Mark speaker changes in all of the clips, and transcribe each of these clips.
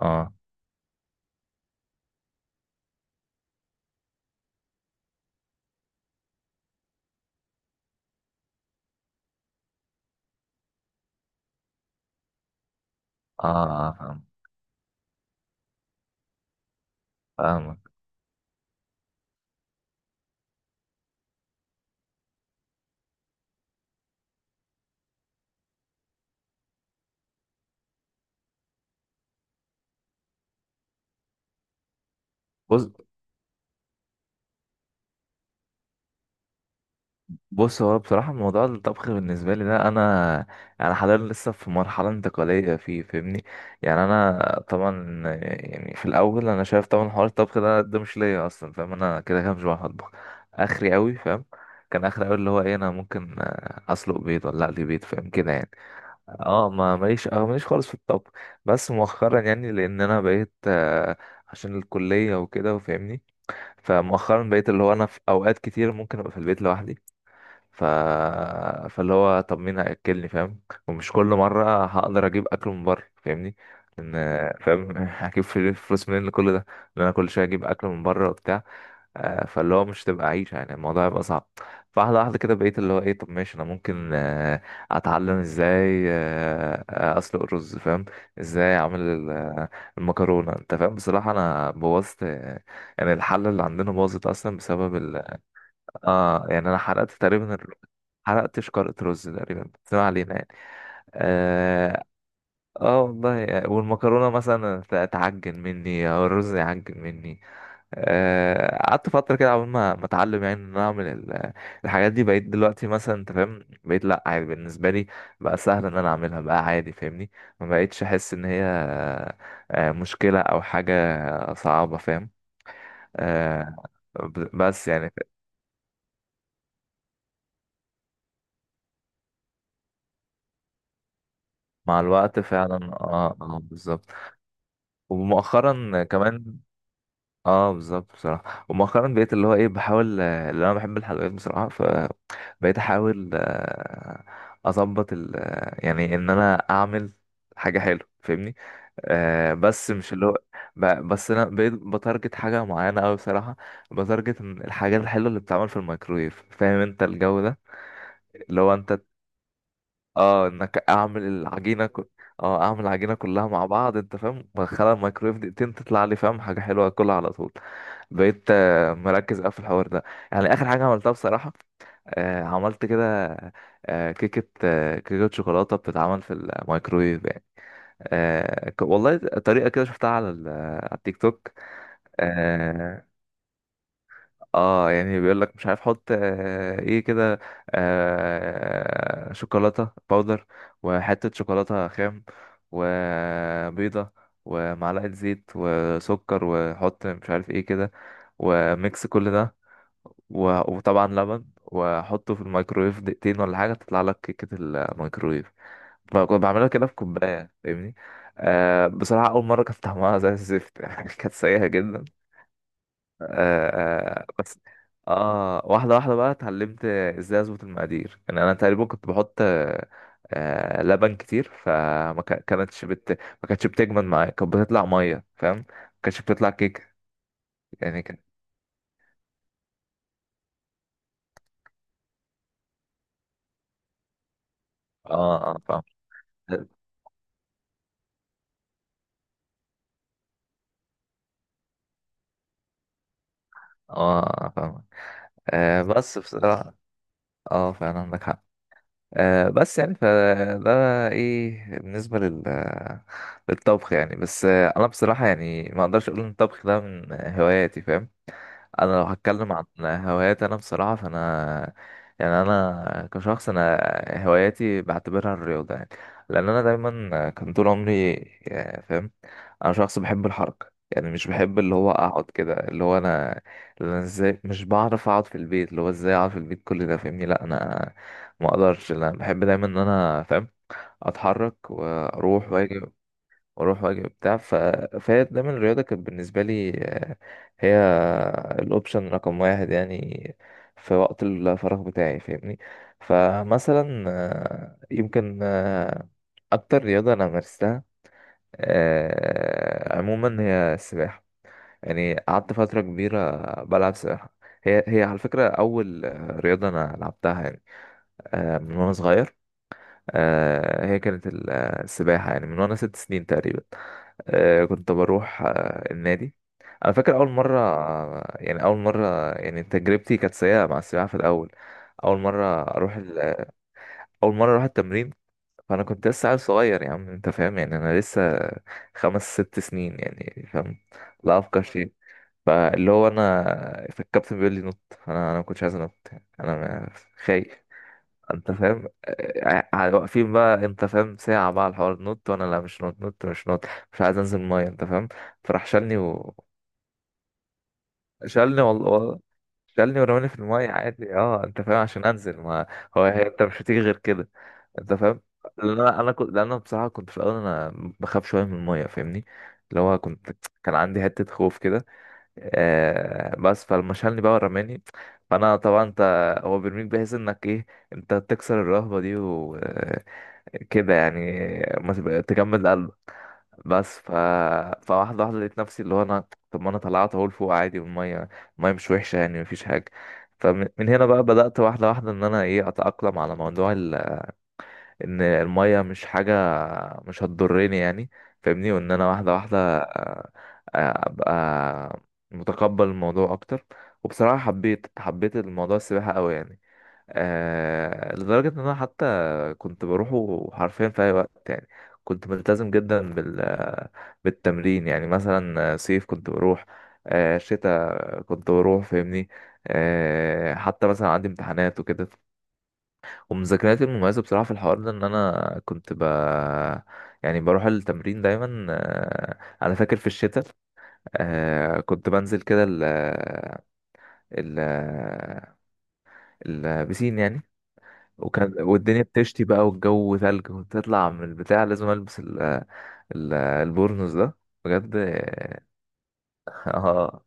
Speaker 1: اه اه آه، فاهم. فاهمك. بص، هو بصراحة موضوع الطبخ بالنسبة لي ده أنا حاليا لسه في مرحلة انتقالية فيه، فاهمني؟ يعني أنا طبعا، يعني في الأول أنا شايف طبعا حوار الطبخ ده مش ليا أصلا، فاهم؟ أنا كده كده مش بعرف أطبخ. آخري أوي، فاهم؟ كان آخري أوي اللي هو إيه، أنا ممكن أسلق بيض ولا أقلي بيض، فاهم كده يعني. اه ما ماليش، اه ماليش خالص في الطبخ. بس مؤخرا يعني، لأن أنا بقيت عشان الكلية وكده، وفاهمني، فمؤخرا بقيت اللي هو انا في اوقات كتير ممكن ابقى في البيت لوحدي. ف... فاللي هو طب مين هياكلني، فاهم؟ ومش كل مره هقدر اجيب اكل من بره، فاهمني. لان، فاهم هجيب فلوس منين لكل ده؟ ان انا كل شويه اجيب اكل من بره وبتاع. فاللي هو مش تبقى عيشة يعني، الموضوع هيبقى صعب. فواحدة واحدة كده بقيت اللي هو ايه، طب ماشي انا ممكن اتعلم ازاي اسلق الرز، فاهم؟ ازاي اعمل المكرونة، انت فاهم. بصراحة انا بوظت، يعني الحلة اللي عندنا باظت اصلا بسبب ال... اه يعني انا حرقت تقريبا حرقت شكارة رز تقريبا، بس ما علينا يعني. اه. آه والله يعني. والمكرونة مثلا تعجن مني او الرز يعجن مني. قعدت فترة كده قبل ما اتعلم يعني ان انا اعمل ال... الحاجات دي، بقيت دلوقتي مثلا انت فاهم، بقيت لا عادي بالنسبة لي. بقى سهل ان انا اعملها، بقى عادي، فاهمني. ما بقيتش احس ان هي مشكلة او حاجة صعبة، فاهم. آه، بس يعني. مع الوقت فعلا، اه اه بالظبط. ومؤخرا كمان، اه بالظبط بصراحه، ومؤخرا بقيت اللي هو ايه، بحاول اللي انا بحب الحلويات بصراحه، فبقيت احاول اظبط ال يعني ان انا اعمل حاجه حلوه، فاهمني. آه بس مش اللي هو، بس انا بقيت بتارجت حاجه معينه قوي بصراحه. بتارجت إن الحاجات الحلوه اللي بتتعمل في الميكرويف، فاهم انت الجو ده. اللي هو انت، اه انك اعمل العجينه اه اعمل العجينه كلها مع بعض، انت فاهم، بدخلها الميكرويف دقيقتين، تطلع لي فاهم حاجه حلوه اكلها على طول. بقيت مركز قوي في الحوار ده. يعني اخر حاجه عملتها بصراحه، عملت كده كيكه كيكه شوكولاته بتتعمل في الميكرويف يعني. والله طريقه كده شفتها على على التيك توك. آه، اه يعني بيقول لك مش عارف حط آه ايه كده، آه شوكولاته باودر، وحته شوكولاته خام، وبيضه، ومعلقه زيت وسكر، وحط مش عارف ايه كده، وميكس كل ده، وطبعا لبن، وحطه في الميكرويف دقيقتين ولا حاجه، تطلع لك كيكه الميكرويف. كنت بعملها كده في كوبايه، فاهمني. آه بصراحه اول مره كانت طعمها زي الزفت يعني كانت سيئه جدا. آه. آه بس، اه واحدة واحدة بقى اتعلمت ازاي اظبط المقادير. يعني انا تقريبا كنت بحط آه آه لبن كتير، فما كانتش ما كانتش بتجمد معايا، كانت بتطلع مية فاهم، ما كانتش بتطلع كيك. يعني كان، اه اه فاهم. اه فاهم. آه بس بصراحة، اه فعلا عندك حق. آه بس يعني فده ايه بالنسبة لل... للطبخ يعني. بس آه انا بصراحة يعني ما اقدرش اقول ان الطبخ ده من هواياتي، فاهم. انا لو هتكلم عن هواياتي انا بصراحه، فانا يعني انا كشخص، هواياتي بعتبرها الرياضه يعني. لان انا دايما كان طول عمري فاهم، انا شخص بحب الحركه يعني. مش بحب اللي هو اقعد كده، اللي هو انا اللي انا ازاي مش بعرف اقعد في البيت، اللي هو ازاي اقعد في البيت كل ده، فاهمني. لا انا ما اقدرش، لا، انا بحب دايما ان انا فاهم اتحرك واروح واجي، واروح واجي وبتاع. فهي دايما الرياضه كانت بالنسبه لي هي الاوبشن رقم واحد يعني في وقت الفراغ بتاعي، فاهمني. فمثلا يمكن، اكتر رياضه انا مارستها عموما هي السباحه. يعني قعدت فتره كبيره بلعب سباحه. هي هي على فكره اول رياضه انا لعبتها يعني، من وانا صغير، هي كانت السباحه يعني، من وانا ست سنين تقريبا. كنت بروح النادي. انا فاكر اول مره يعني اول مره يعني تجربتي كانت سيئه مع السباحه في الاول. اول مره اروح اول مره اروح التمرين، فانا كنت لسه عيل صغير يا عم، انت فاهم يعني، انا لسه خمس ست سنين يعني فاهم. لا افكر شيء. فاللي هو انا فالكابتن بيقول لي نط، انا ما كنتش عايز انط يعني. انا خايف، انت فاهم. آه آه، واقفين بقى انت فاهم ساعة بقى على الحوار، نط، وانا لا مش نط، نط مش نط، مش عايز انزل المية، انت فاهم. فراح شالني و... شالني، والله والله شالني ورماني في المية عادي، اه انت فاهم عشان انزل، ما هو هي انت مش هتيجي غير كده، انت فاهم. لان انا، انا كنت لان انا بصراحة كنت في الاول انا بخاف شوية من المية، فاهمني. اللي هو كنت، كان عندي حتة خوف كده. آه بس فلما شالني بقى ورماني، فانا طبعا انت، هو بيرميك بحيث انك ايه، انت تكسر الرهبة دي و كده يعني، ما تبقى- تجمد قلبك. بس فواحدة واحدة لقيت نفسي اللي هو أنا طب ما أنا طلعت أهو لفوق عادي، والمية مش وحشة يعني، مفيش حاجة. فمن هنا بقى بدأت واحدة واحدة إن أنا إيه أتأقلم على موضوع إن المية مش حاجة، مش هتضرني يعني، فاهمني، وإن أنا واحدة واحدة آه، أبقى متقبل الموضوع أكتر. وبصراحة حبيت حبيت الموضوع السباحة أوي يعني، آه لدرجة إن أنا حتى كنت بروحه حرفيا في أي وقت يعني. كنت ملتزم جدا بال بالتمرين يعني، مثلا صيف كنت بروح، آه شتاء كنت بروح، فاهمني. آه حتى مثلا عندي امتحانات وكده، ومذاكرتي المميزة بصراحة في الحوار ده، إن أنا كنت ب... يعني بروح التمرين دايما. آه أنا فاكر في الشتاء آه كنت بنزل كده ال ال البسين يعني. وكان والدنيا بتشتي بقى والجو ثلج، وتطلع من البتاع لازم البس ال البورنوس ده، بجد اه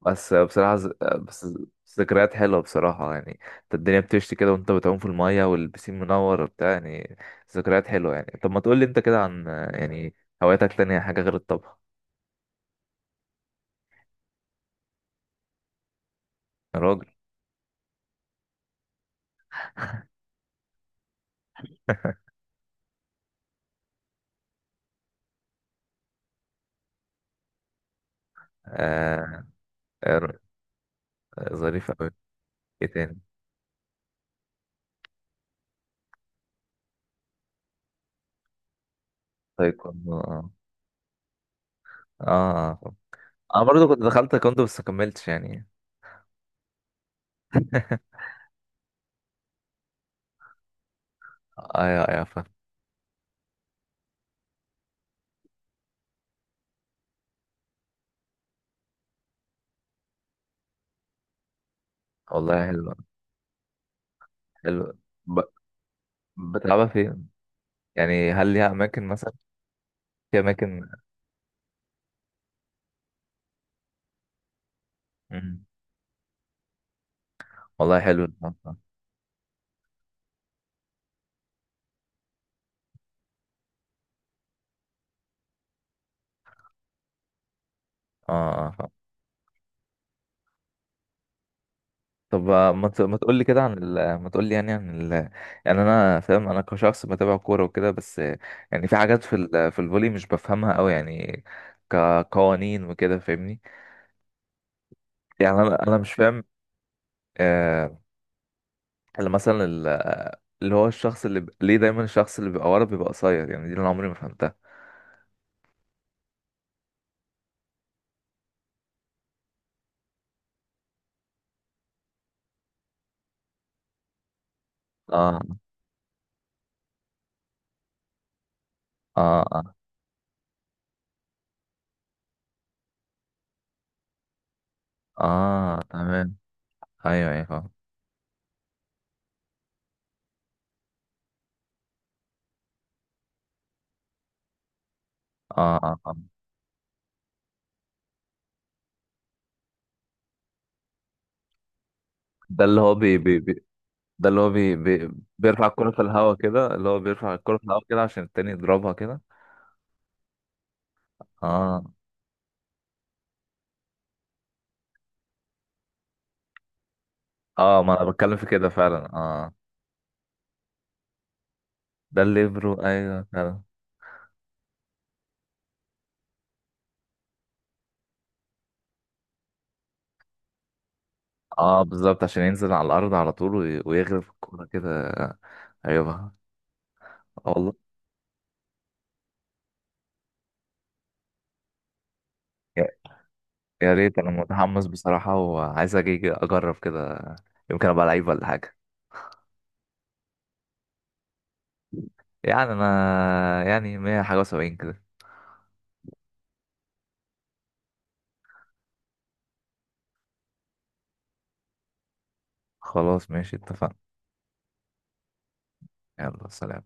Speaker 1: بس بصراحة بس، ذكريات حلوة بصراحة يعني، انت الدنيا بتشتي كده وانت بتعوم في المية والبسين منور وبتاع يعني، ذكريات حلوة يعني. طب ما تقول لي انت كده عن يعني هواياتك، تانية حاجة غير الطبخ؟ يا راجل آه، آه، ظريف أوي. ايه تاني؟ تايكوندو، اه اه. آه، انا برضو كنت دخلت تايكوندو بس ما كملتش يعني. ايوه ايوه فاهم. والله حلو. حلو. ب... بتلعبها فين؟ يعني هل ليها اماكن مثلا؟ في اماكن. مم. والله حلو الحوار ده. اه اه فاهم. طب ما تقول لي كده عن ما تقول لي يعني عن ال... يعني انا فاهم، انا كشخص بتابع كوره وكده، بس يعني في حاجات في ال... في الفولي مش بفهمها قوي يعني، كقوانين وكده، فاهمني. يعني انا مش فاهم. آه، اللي مثلا ال... اللي هو الشخص اللي ب... ليه دايما الشخص اللي بيبقى ورا بيبقى قصير يعني؟ دي اللي انا عمري ما فهمتها. اه اه. اه تمام. ايوه ايوه فاهم. اه اه آه. ده اللي هو بي ده اللي هو بي بيرفع الكرة في الهواء كده، اللي هو بيرفع الكرة في الهواء كده عشان التاني يضربها كده. اه اه، ما انا بتكلم في كده فعلا، اه. ده الليبرو، ايوه فعلا. اه بالظبط، عشان ينزل على الارض على طول ويغرف الكرة كده. ايوه آه والله. يا ريت، انا متحمس بصراحة وعايز اجي اجرب كده، يمكن ابقى لعيب ولا حاجة. يعني انا يعني 100 حاجة وسبعين كده. خلاص ماشي اتفقنا. يلا سلام.